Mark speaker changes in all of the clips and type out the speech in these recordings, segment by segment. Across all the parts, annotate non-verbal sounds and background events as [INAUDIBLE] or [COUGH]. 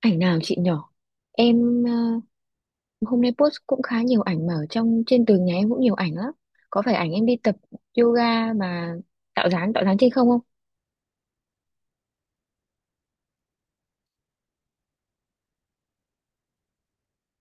Speaker 1: Ảnh nào chị nhỏ? Em, hôm nay post cũng khá nhiều ảnh mà ở trong trên tường nhà em cũng nhiều ảnh lắm. Có phải ảnh em đi tập yoga mà tạo dáng trên không không?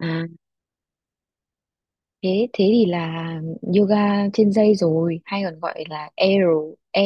Speaker 1: À, thế thế thì là yoga trên dây rồi, hay còn gọi là aero a-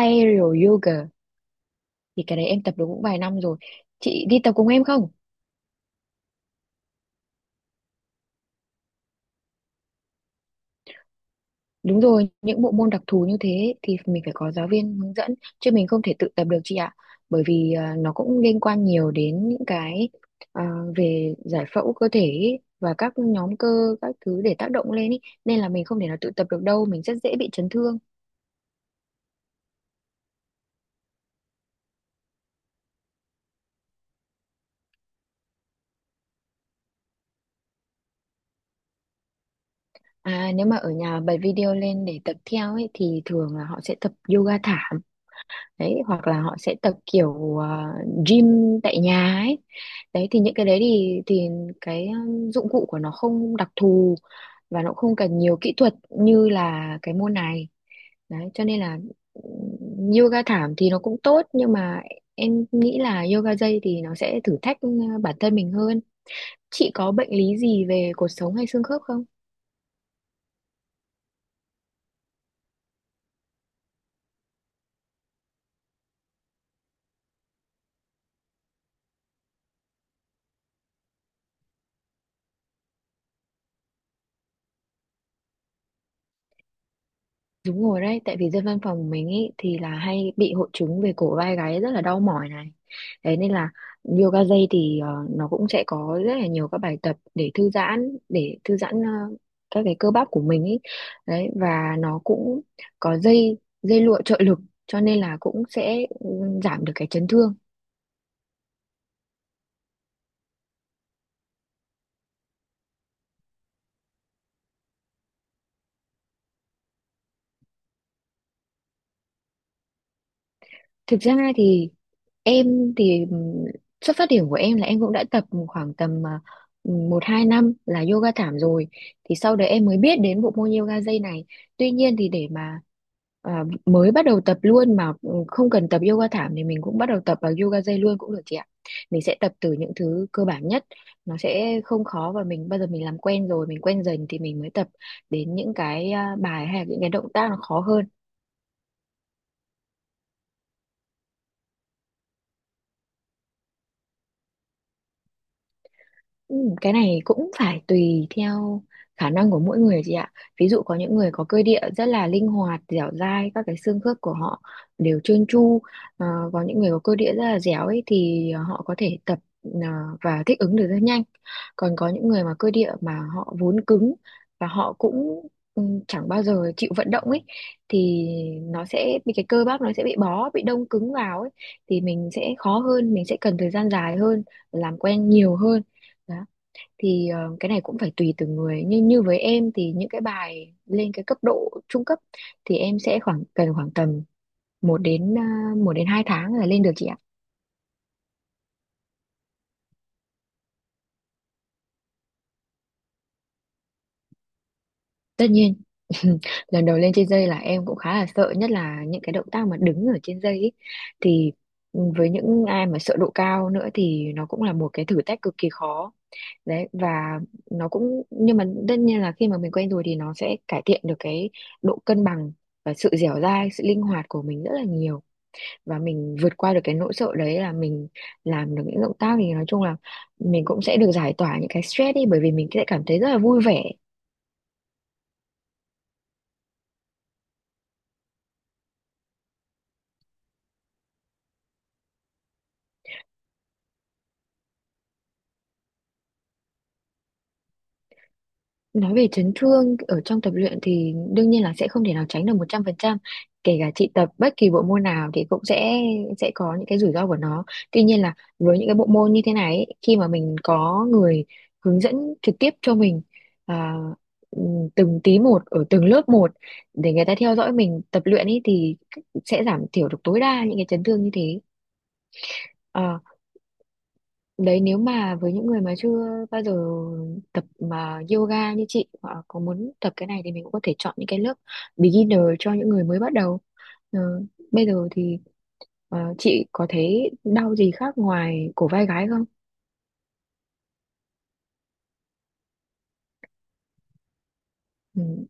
Speaker 1: aero yoga thì cái đấy em tập được cũng vài năm rồi. Chị đi tập cùng em không? Đúng rồi, những bộ môn đặc thù như thế thì mình phải có giáo viên hướng dẫn chứ mình không thể tự tập được chị ạ. Bởi vì nó cũng liên quan nhiều đến những cái à, về giải phẫu cơ thể ý, và các nhóm cơ các thứ để tác động lên ý. Nên là mình không thể nào tự tập được đâu, mình rất dễ bị chấn thương. À, nếu mà ở nhà bật video lên để tập theo ấy thì thường là họ sẽ tập yoga thảm đấy, hoặc là họ sẽ tập kiểu gym tại nhà ấy đấy. Thì những cái đấy thì cái dụng cụ của nó không đặc thù và nó cũng không cần nhiều kỹ thuật như là cái môn này đấy, cho nên là yoga thảm thì nó cũng tốt nhưng mà em nghĩ là yoga dây thì nó sẽ thử thách bản thân mình hơn. Chị có bệnh lý gì về cột sống hay xương khớp không? Đúng rồi đấy, tại vì dân văn phòng của mình ý, thì là hay bị hội chứng về cổ vai gáy rất là đau mỏi này. Thế nên là yoga dây thì nó cũng sẽ có rất là nhiều các bài tập để thư giãn các cái cơ bắp của mình ý. Đấy, và nó cũng có dây dây lụa trợ lực, cho nên là cũng sẽ giảm được cái chấn thương. Thực ra thì em thì xuất phát điểm của em là em cũng đã tập khoảng tầm một hai năm là yoga thảm rồi, thì sau đấy em mới biết đến bộ môn yoga dây này. Tuy nhiên thì để mà mới bắt đầu tập luôn mà không cần tập yoga thảm thì mình cũng bắt đầu tập vào yoga dây luôn cũng được chị ạ. Mình sẽ tập từ những thứ cơ bản nhất, nó sẽ không khó, và mình bây giờ mình làm quen rồi mình quen dần thì mình mới tập đến những cái bài hay là những cái động tác nó khó hơn. Ừ, cái này cũng phải tùy theo khả năng của mỗi người chị ạ. Ví dụ có những người có cơ địa rất là linh hoạt, dẻo dai, các cái xương khớp của họ đều trơn tru. Ờ, có những người có cơ địa rất là dẻo ấy thì họ có thể tập ờ, và thích ứng được rất nhanh. Còn có những người mà cơ địa mà họ vốn cứng và họ cũng ừ, chẳng bao giờ chịu vận động ấy thì nó sẽ bị, cái cơ bắp nó sẽ bị bó, bị đông cứng vào ấy, thì mình sẽ khó hơn, mình sẽ cần thời gian dài hơn, làm quen nhiều hơn đó. Thì cái này cũng phải tùy từng người, nhưng như với em thì những cái bài lên cái cấp độ trung cấp thì em sẽ khoảng cần khoảng tầm một đến 1 đến 2 tháng là lên được chị ạ. Tất nhiên [LAUGHS] lần đầu lên trên dây là em cũng khá là sợ, nhất là những cái động tác mà đứng ở trên dây ấy. Thì với những ai mà sợ độ cao nữa thì nó cũng là một cái thử thách cực kỳ khó đấy. Và nó cũng, nhưng mà tất nhiên là khi mà mình quen rồi thì nó sẽ cải thiện được cái độ cân bằng và sự dẻo dai, sự linh hoạt của mình rất là nhiều. Và mình vượt qua được cái nỗi sợ đấy là mình làm được những động tác, thì nói chung là mình cũng sẽ được giải tỏa những cái stress đi, bởi vì mình sẽ cảm thấy rất là vui vẻ. Nói về chấn thương ở trong tập luyện thì đương nhiên là sẽ không thể nào tránh được 100%. Kể cả chị tập bất kỳ bộ môn nào thì cũng sẽ có những cái rủi ro của nó. Tuy nhiên là với những cái bộ môn như thế này ấy, khi mà mình có người hướng dẫn trực tiếp cho mình à, từng tí một ở từng lớp một, để người ta theo dõi mình tập luyện ấy, thì sẽ giảm thiểu được tối đa những cái chấn thương như thế. Ờ. Đấy, nếu mà với những người mà chưa bao giờ tập mà yoga như chị hoặc có muốn tập cái này thì mình cũng có thể chọn những cái lớp beginner cho những người mới bắt đầu. Ờ, Bây giờ thì chị có thấy đau gì khác ngoài cổ vai gáy không? Ừ.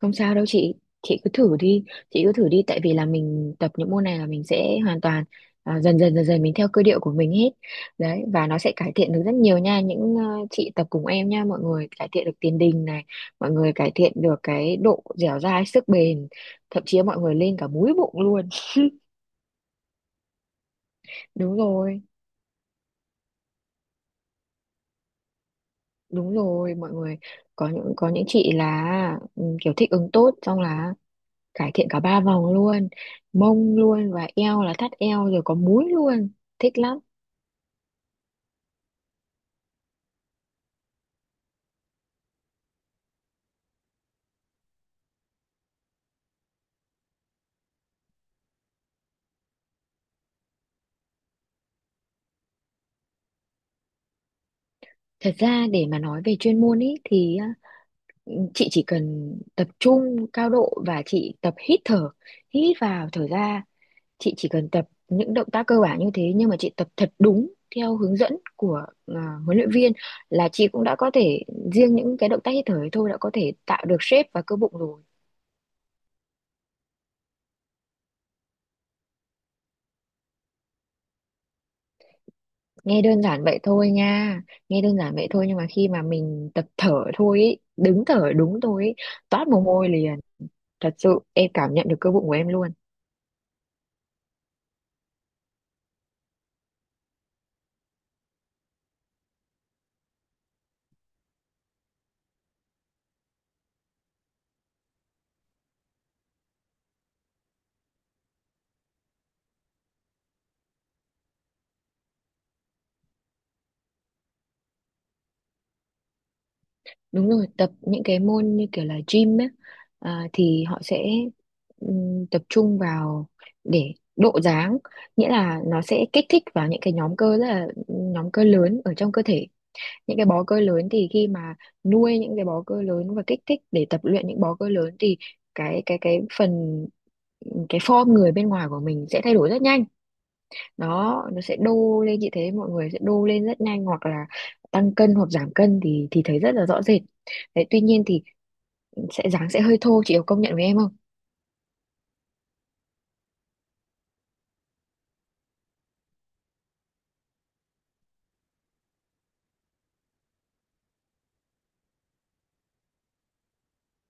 Speaker 1: Không sao đâu chị cứ thử đi, chị cứ thử đi, tại vì là mình tập những môn này là mình sẽ hoàn toàn dần dần mình theo cơ điệu của mình hết. Đấy, và nó sẽ cải thiện được rất nhiều nha, những chị tập cùng em nha, mọi người cải thiện được tiền đình này, mọi người cải thiện được cái độ dẻo dai, sức bền, thậm chí mọi người lên cả múi bụng luôn. [LAUGHS] Đúng rồi, đúng rồi, mọi người có những chị là kiểu thích ứng tốt xong là cải thiện cả ba vòng luôn, mông luôn và eo là thắt eo rồi có múi luôn, thích lắm. Thật ra để mà nói về chuyên môn ý thì á, chị chỉ cần tập trung cao độ và chị tập hít thở, hít vào thở ra, chị chỉ cần tập những động tác cơ bản như thế, nhưng mà chị tập thật đúng theo hướng dẫn của huấn luyện viên là chị cũng đã có thể, riêng những cái động tác hít thở ấy thôi đã có thể tạo được shape và cơ bụng rồi. Nghe đơn giản vậy thôi nha, nghe đơn giản vậy thôi nhưng mà khi mà mình tập thở thôi ý, đứng thở đúng thôi ý, toát mồ hôi liền, thật sự em cảm nhận được cơ bụng của em luôn. Đúng rồi, tập những cái môn như kiểu là gym ấy, thì họ sẽ tập trung vào để độ dáng, nghĩa là nó sẽ kích thích vào những cái nhóm cơ rất là, nhóm cơ lớn ở trong cơ thể, những cái bó cơ lớn. Thì khi mà nuôi những cái bó cơ lớn và kích thích để tập luyện những bó cơ lớn thì cái cái cái phần cái form người bên ngoài của mình sẽ thay đổi rất nhanh đó. Nó sẽ đô lên, chị thấy mọi người sẽ đô lên rất nhanh, hoặc là tăng cân hoặc giảm cân thì thấy rất là rõ rệt đấy. Tuy nhiên thì sẽ dáng sẽ hơi thô, chị có công nhận với em không?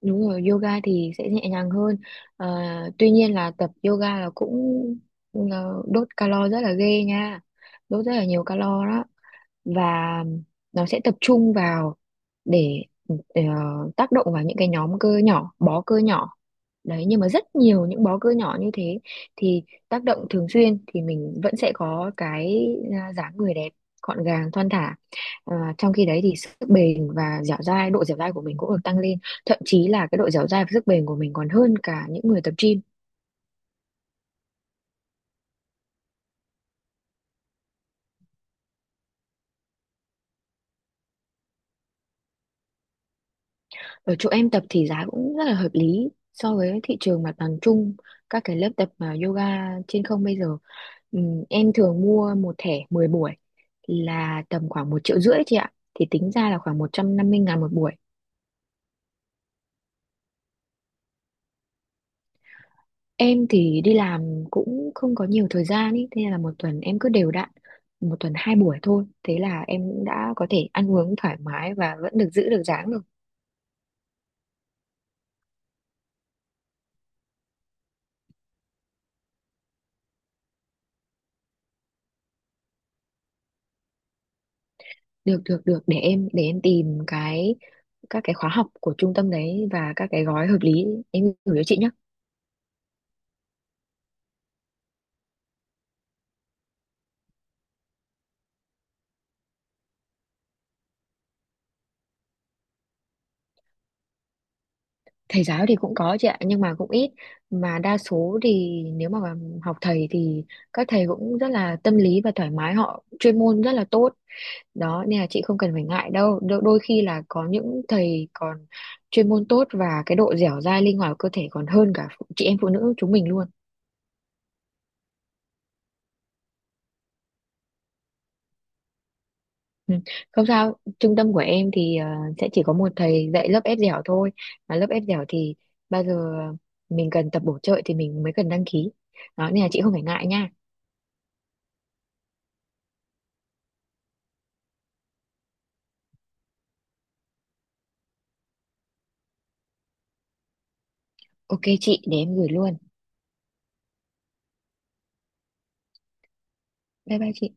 Speaker 1: Đúng rồi, yoga thì sẽ nhẹ nhàng hơn. Ờ, Tuy nhiên là tập yoga là cũng đốt calo rất là ghê nha, đốt rất là nhiều calo đó. Và nó sẽ tập trung vào để, để tác động vào những cái nhóm cơ nhỏ, bó cơ nhỏ. Đấy, nhưng mà rất nhiều những bó cơ nhỏ như thế thì tác động thường xuyên thì mình vẫn sẽ có cái dáng người đẹp, gọn gàng, thon thả. À, trong khi đấy thì sức bền và dẻo dai, độ dẻo dai của mình cũng được tăng lên. Thậm chí là cái độ dẻo dai và sức bền của mình còn hơn cả những người tập gym. Ở chỗ em tập thì giá cũng rất là hợp lý so với thị trường mặt bằng chung các cái lớp tập mà yoga trên không bây giờ. Em thường mua một thẻ 10 buổi là tầm khoảng 1,5 triệu chị ạ, thì tính ra là khoảng 150.000 một buổi. Em thì đi làm cũng không có nhiều thời gian ý, thế nên là một tuần em cứ đều đặn một tuần hai buổi thôi, thế là em cũng đã có thể ăn uống thoải mái và vẫn được giữ được dáng được. Được, được, được, để em tìm cái các cái khóa học của trung tâm đấy và các cái gói hợp lý, em gửi cho chị nhé. Thầy giáo thì cũng có chị ạ nhưng mà cũng ít. Mà đa số thì nếu mà học thầy thì các thầy cũng rất là tâm lý và thoải mái, họ chuyên môn rất là tốt đó, nên là chị không cần phải ngại đâu. Đôi khi là có những thầy còn chuyên môn tốt và cái độ dẻo dai linh hoạt của cơ thể còn hơn cả chị em phụ nữ chúng mình luôn. Ừ, không sao, trung tâm của em thì sẽ chỉ có một thầy dạy lớp ép dẻo thôi. Mà lớp ép dẻo thì bao giờ mình cần tập bổ trợ thì mình mới cần đăng ký. Đó, nên là chị không phải ngại nha. Ok chị, để em gửi luôn. Bye bye chị.